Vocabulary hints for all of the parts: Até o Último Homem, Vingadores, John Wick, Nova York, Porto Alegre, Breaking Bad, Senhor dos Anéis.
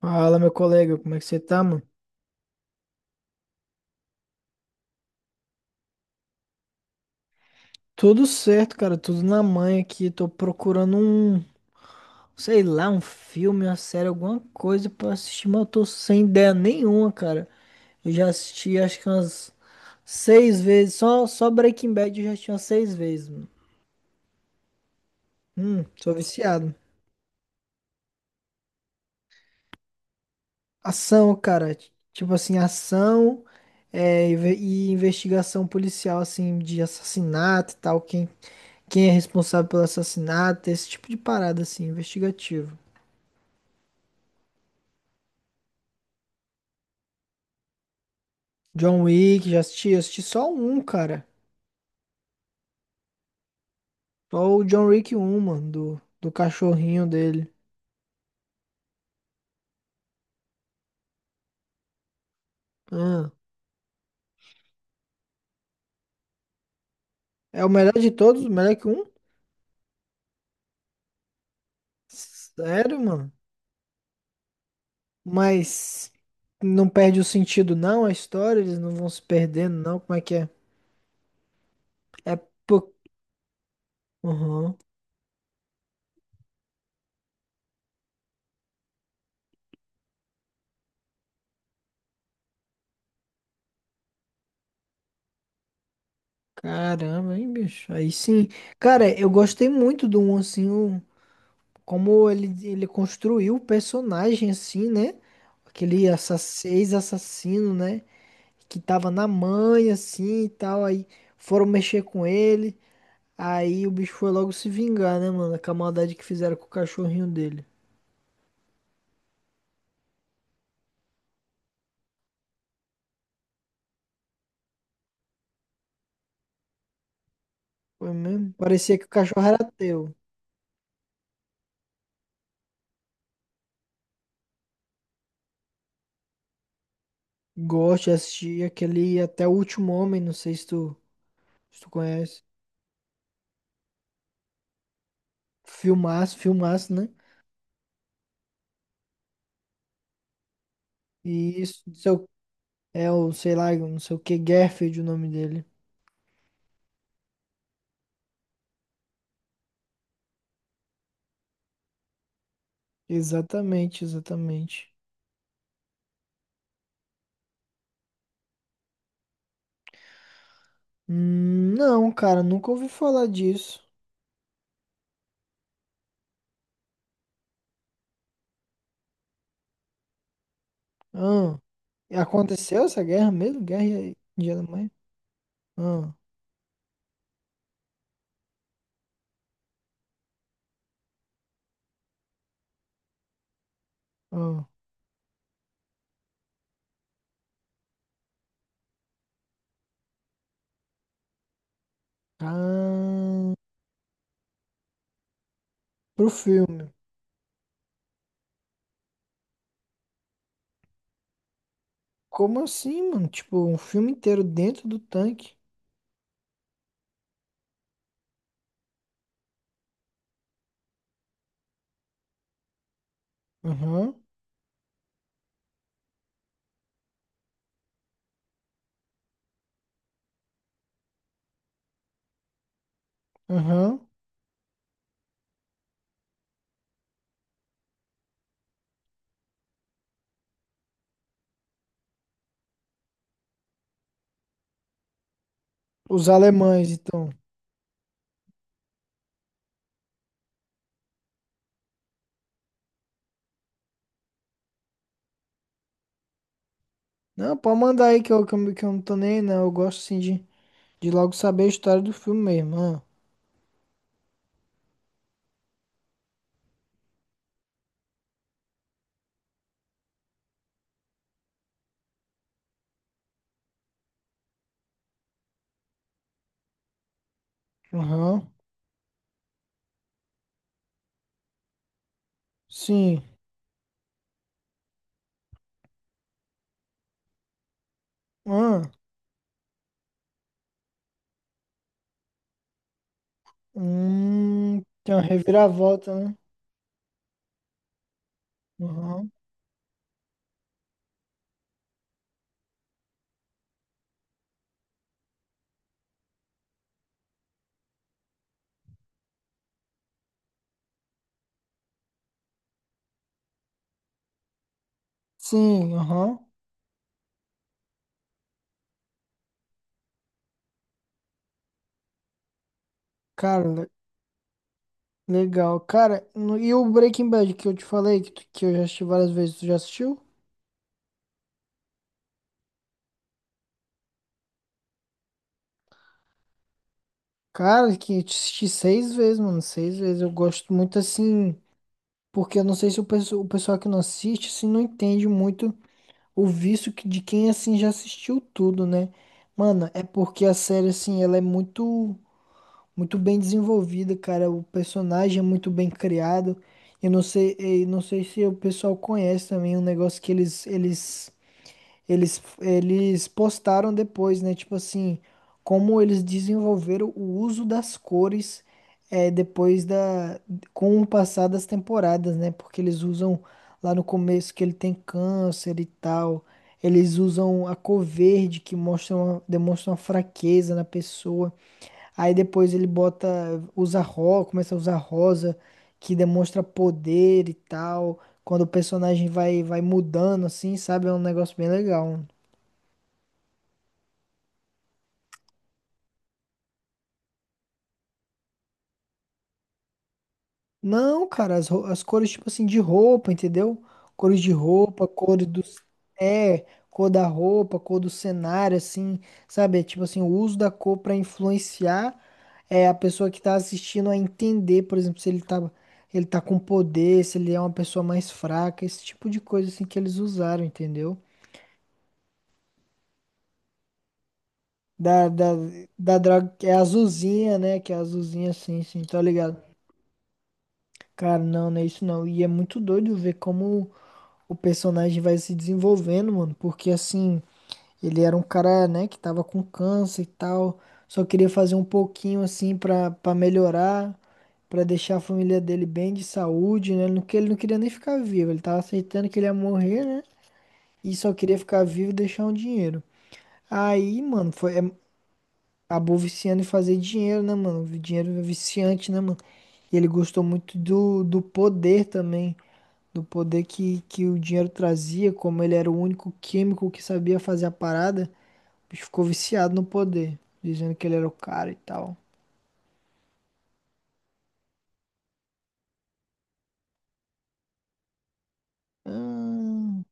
Fala, meu colega, como é que você tá, mano? Tudo certo, cara, tudo na mãe aqui. Tô procurando sei lá, um filme, uma série, alguma coisa pra assistir, mas eu tô sem ideia nenhuma, cara. Eu já assisti acho que umas 6 vezes, só Breaking Bad eu já assisti umas 6 vezes, mano. Sou viciado. Ação, cara, tipo assim, ação é, e investigação policial, assim, de assassinato e tal, quem é responsável pelo assassinato, esse tipo de parada, assim, investigativo. John Wick, já assisti, assisti só um, cara. Só o John Wick um, mano, do cachorrinho dele. Ah, é o melhor de todos, o melhor que um? Sério, mano? Mas não perde o sentido, não, a história, eles não vão se perdendo, não. Como é que é? É, pô. Uhum. Caramba, hein, bicho? Aí sim. Cara, eu gostei muito do um, assim, como ele construiu o personagem, assim, né? Aquele assa- Ex-assassino, né? Que tava na mãe assim e tal. Aí foram mexer com ele. Aí o bicho foi logo se vingar, né, mano? Com a maldade que fizeram com o cachorrinho dele. Foi mesmo? Parecia que o cachorro era teu. Gosto de assistir aquele Até o Último Homem, não sei se se tu conhece. Filmaço, filmaço, né? E isso, não sei o- é o, sei lá, não sei o que, Garfield, o nome dele. Exatamente, exatamente. Não, cara, nunca ouvi falar disso. Ah. E aconteceu essa guerra mesmo? Guerra de Alemanha? Ah, ah. Ah, pro filme. Como assim, mano? Tipo, um filme inteiro dentro do tanque. Aham, aham. Os alemães, então. Não, pode mandar aí que eu não tô nem aí, não. Eu gosto, assim, de logo saber a história do filme mesmo. Ah. Aham, sim. Ah, tem uma reviravolta, né? Aham, sim, aham. Cara, legal. Cara, e o Breaking Bad que eu te falei, que eu já assisti várias vezes, tu já assistiu? Cara, que eu assisti 6 vezes, mano, 6 vezes. Eu gosto muito assim, porque eu não sei se o pessoal que não assiste, assim, não entende muito o vício que, de quem, assim, já assistiu tudo, né? Mano, é porque a série, assim, muito bem desenvolvida, cara. O personagem é muito bem criado. Eu não sei se o pessoal conhece também um negócio que eles postaram depois, né? Tipo assim, como eles desenvolveram o uso das cores é, com o passar das temporadas, né? Porque eles usam lá no começo que ele tem câncer e tal. Eles usam a cor verde que demonstra uma fraqueza na pessoa. Aí depois ele bota, usa rosa, começa a usar rosa, que demonstra poder e tal. Quando o personagem vai, vai mudando, assim, sabe? É um negócio bem legal. Não, cara, as cores, tipo assim, de roupa, entendeu? Cores de roupa, cores dos. É, cor da roupa, cor do cenário, assim, sabe? É tipo assim, o uso da cor pra influenciar é, a pessoa que tá assistindo a entender, por exemplo, se ele tá com poder, se ele é uma pessoa mais fraca, esse tipo de coisa, assim, que eles usaram, entendeu? Da, da, da drag, que é azulzinha, né? Que é azulzinha, assim, sim, tá ligado? Cara, não, não é isso não. E é muito doido ver como o personagem vai se desenvolvendo, mano, porque assim, ele era um cara, né, que tava com câncer e tal, só queria fazer um pouquinho assim pra melhorar, pra deixar a família dele bem de saúde, né? Ele não queria nem ficar vivo, ele tava aceitando que ele ia morrer, né? E só queria ficar vivo e deixar um dinheiro. Aí, mano, acabou viciando em fazer dinheiro, né, mano? Dinheiro é viciante, né, mano? E ele gostou muito do poder também do poder que o dinheiro trazia, como ele era o único químico que sabia fazer a parada, o bicho ficou viciado no poder, dizendo que ele era o cara e tal. Hum,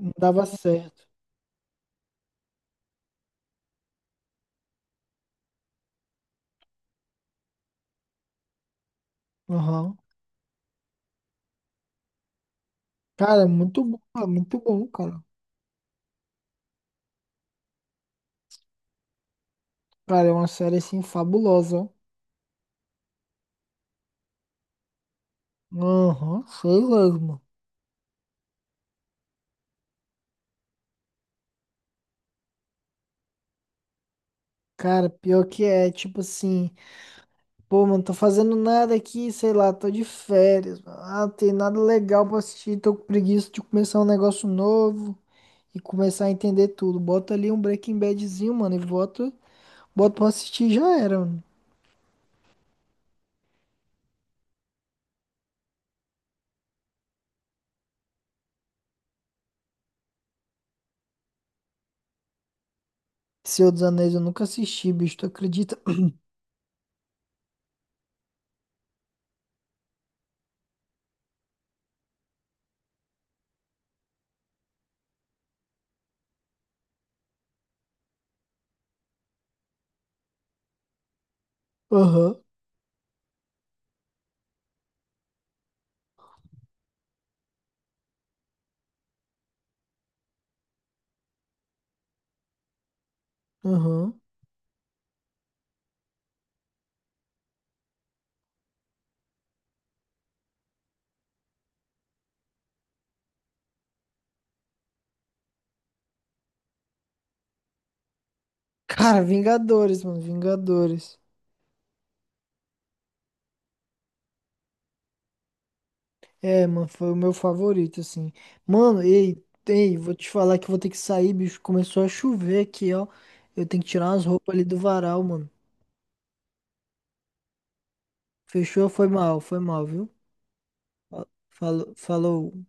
não dava certo. Aham. Cara, é muito bom, cara. Cara, é uma série assim fabulosa, ó. Aham, sei lá, mano. Cara, pior que é, tipo assim, pô, mano, tô fazendo nada aqui, sei lá, tô de férias, mano. Ah, não tem nada legal pra assistir, tô com preguiça de começar um negócio novo. E começar a entender tudo. Bota ali um Breaking Badzinho, mano, e bota, bota pra assistir e já era, mano. Senhor dos Anéis eu nunca assisti, bicho, tu acredita? Aham, aham. Cara, Vingadores, mano, Vingadores. É, mano, foi o meu favorito, assim. Mano, ei, ei, vou te falar que eu vou ter que sair, bicho. Começou a chover aqui, ó. Eu tenho que tirar umas roupas ali do varal, mano. Fechou? Foi mal, viu? Falou, falou.